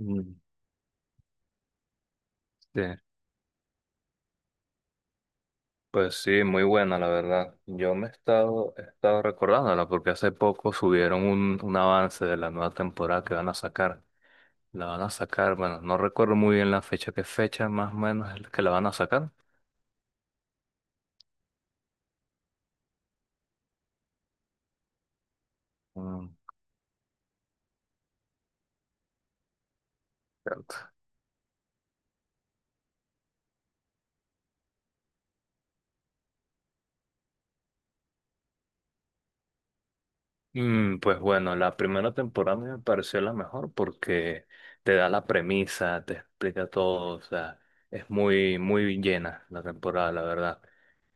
Mm, sí, pues sí, muy buena la verdad. Yo me he estado recordándola porque hace poco subieron un avance de la nueva temporada que van a sacar. La van a sacar, bueno, no recuerdo muy bien la fecha, qué fecha más o menos es que la van a sacar. Mm, Pues bueno, la primera temporada me pareció la mejor porque te da la premisa, te explica todo, o sea, es muy, muy llena la temporada, la verdad.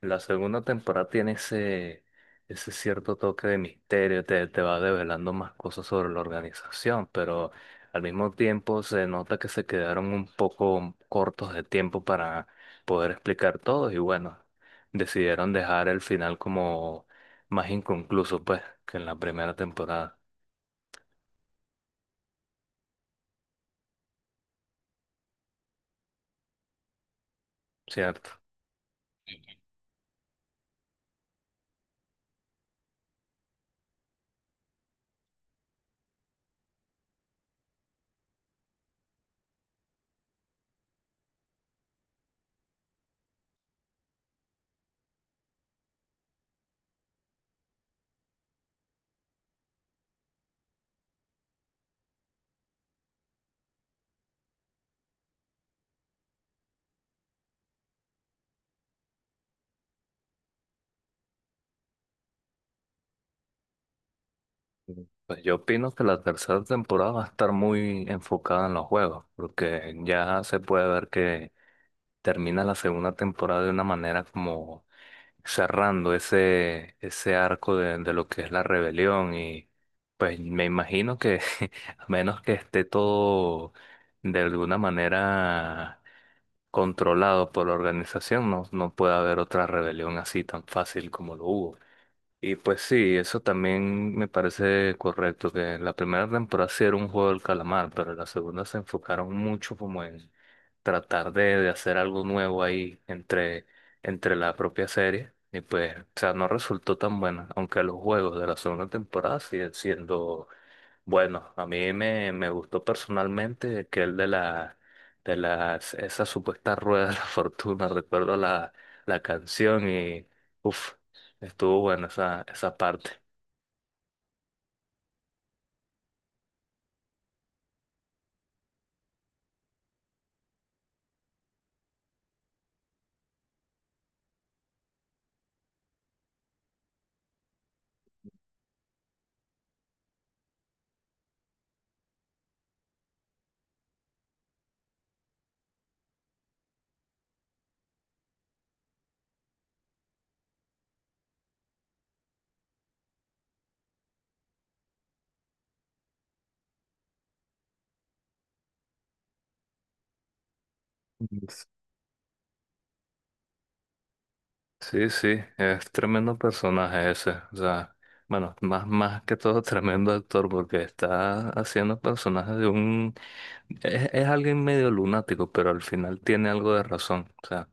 La segunda temporada tiene ese cierto toque de misterio, te va develando más cosas sobre la organización, pero al mismo tiempo se nota que se quedaron un poco cortos de tiempo para poder explicar todo y bueno, decidieron dejar el final como más inconcluso, pues, que en la primera temporada, ¿cierto? Mm. Pues yo opino que la tercera temporada va a estar muy enfocada en los juegos, porque ya se puede ver que termina la segunda temporada de una manera como cerrando ese arco de lo que es la rebelión y pues me imagino que a menos que esté todo de alguna manera controlado por la organización, no, no puede haber otra rebelión así tan fácil como lo hubo. Y pues sí, eso también me parece correcto, que la primera temporada sí era un juego del calamar, pero la segunda se enfocaron mucho como en tratar de hacer algo nuevo ahí entre, entre la propia serie. Y pues, o sea, no resultó tan buena, aunque los juegos de la segunda temporada siguen siendo bueno, a mí me gustó personalmente que el de la de las esa supuesta rueda de la fortuna, recuerdo la canción y uff, estuvo buena esa parte. Yes. Sí, sí, es tremendo personaje ese. O sea, bueno, más, más que todo tremendo actor porque está haciendo personajes de un... Es alguien medio lunático, pero al final tiene algo de razón. O sea,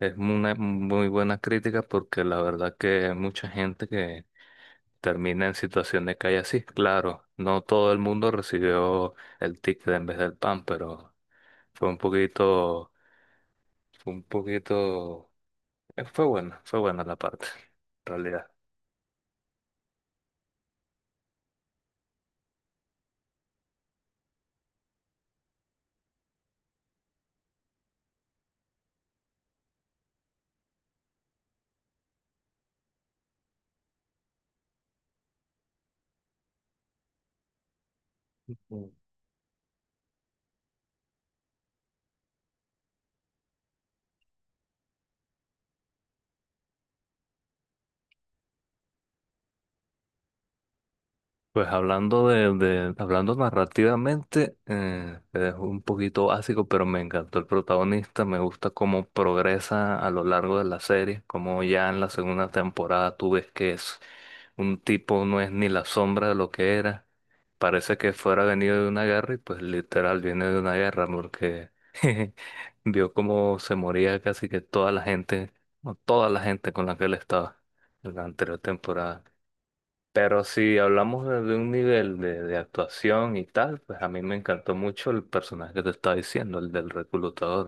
es una muy buena crítica porque la verdad que hay mucha gente que termina en situación de calle así. Claro, no todo el mundo recibió el ticket en vez del pan, pero fue un poquito, fue un poquito, fue bueno, fue buena la parte, en realidad. Pues hablando de- hablando narrativamente, es un poquito básico, pero me encantó el protagonista, me gusta cómo progresa a lo largo de la serie, como ya en la segunda temporada tú ves que es un tipo, no es ni la sombra de lo que era, parece que fuera venido de una guerra y pues literal viene de una guerra porque vio cómo se moría casi que toda la gente, o toda la gente con la que él estaba en la anterior temporada. Pero si hablamos de un nivel de actuación y tal, pues a mí me encantó mucho el personaje que te estaba diciendo, el del reclutador.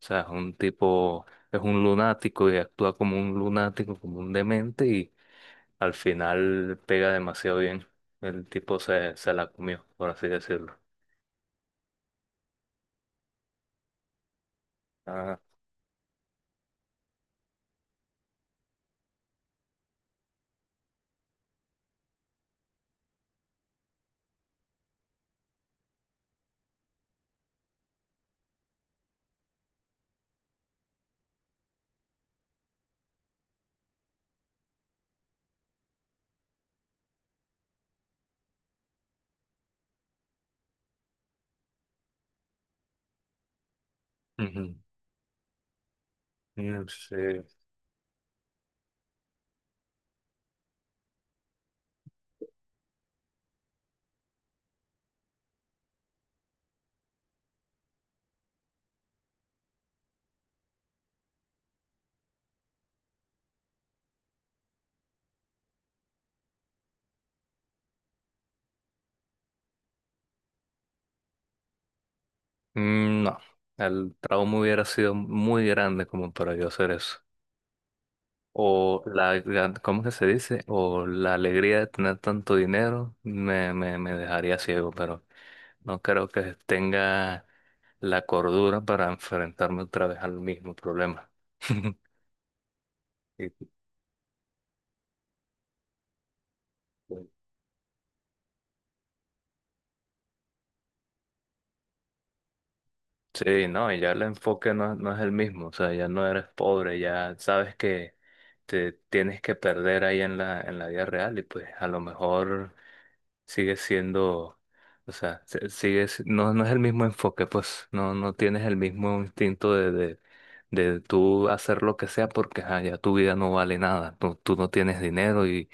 O sea, es un tipo, es un lunático y actúa como un lunático, como un demente y al final pega demasiado bien. El tipo se, se la comió, por así decirlo. Ah, ujú. Mm, sí. Mm, no, el trauma hubiera sido muy grande como para yo hacer eso. O la, gran- ¿cómo que se dice? O la alegría de tener tanto dinero me dejaría ciego, pero no creo que tenga la cordura para enfrentarme otra vez al mismo problema. Y- sí, no, y ya el enfoque no, no es el mismo, o sea, ya no eres pobre, ya sabes que te tienes que perder ahí en la vida real y pues a lo mejor sigue siendo, o sea, se- sigue, si- no, no es el mismo enfoque, pues no, no tienes el mismo instinto de tú hacer lo que sea porque ajá, ya tu vida no vale nada, tú no tienes dinero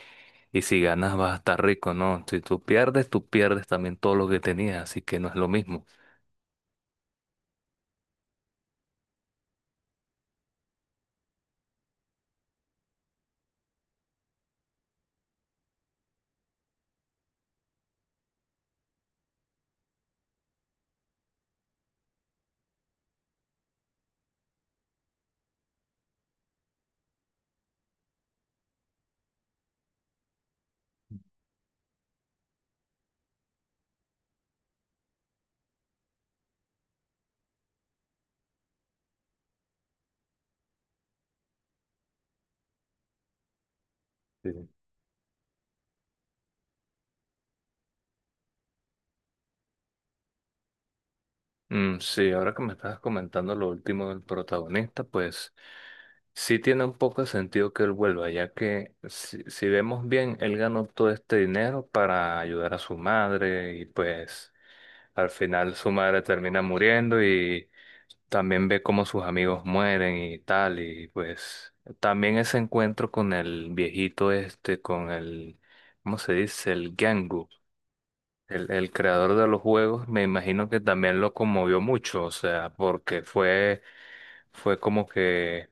y si ganas vas a estar rico, ¿no? Si tú pierdes, tú pierdes también todo lo que tenías, así que no es lo mismo. Sí. Mm, sí, ahora que me estás comentando lo último del protagonista, pues sí tiene un poco de sentido que él vuelva, ya que si, si vemos bien, él ganó todo este dinero para ayudar a su madre y pues al final su madre termina muriendo y también ve cómo sus amigos mueren y tal, y pues también ese encuentro con el viejito este, con el, ¿cómo se dice? El Gangu. El creador de los juegos me imagino que también lo conmovió mucho, o sea, porque fue, fue como que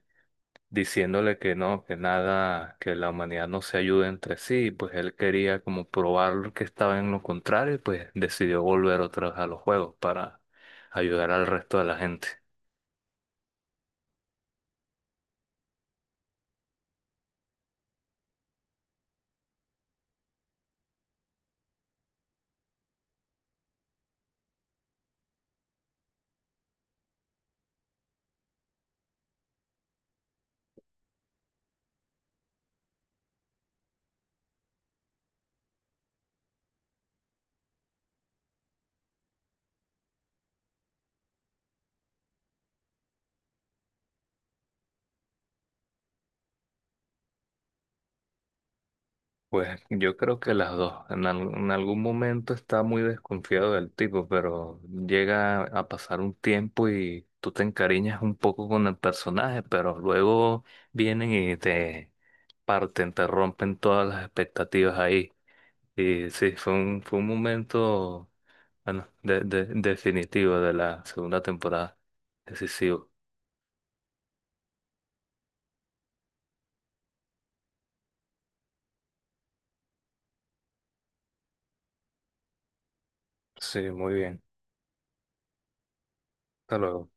diciéndole que no, que nada, que la humanidad no se ayude entre sí, pues él quería como probar que estaba en lo contrario y pues decidió volver otra vez a los juegos para ayudar al resto de la gente. Pues yo creo que las dos. En, al- en algún momento está muy desconfiado del tipo, pero llega a pasar un tiempo y tú te encariñas un poco con el personaje, pero luego vienen y te parten, te rompen todas las expectativas ahí. Y sí, fue un momento, bueno, de- definitivo de la segunda temporada. Decisivo. Sí, muy bien. Hasta luego.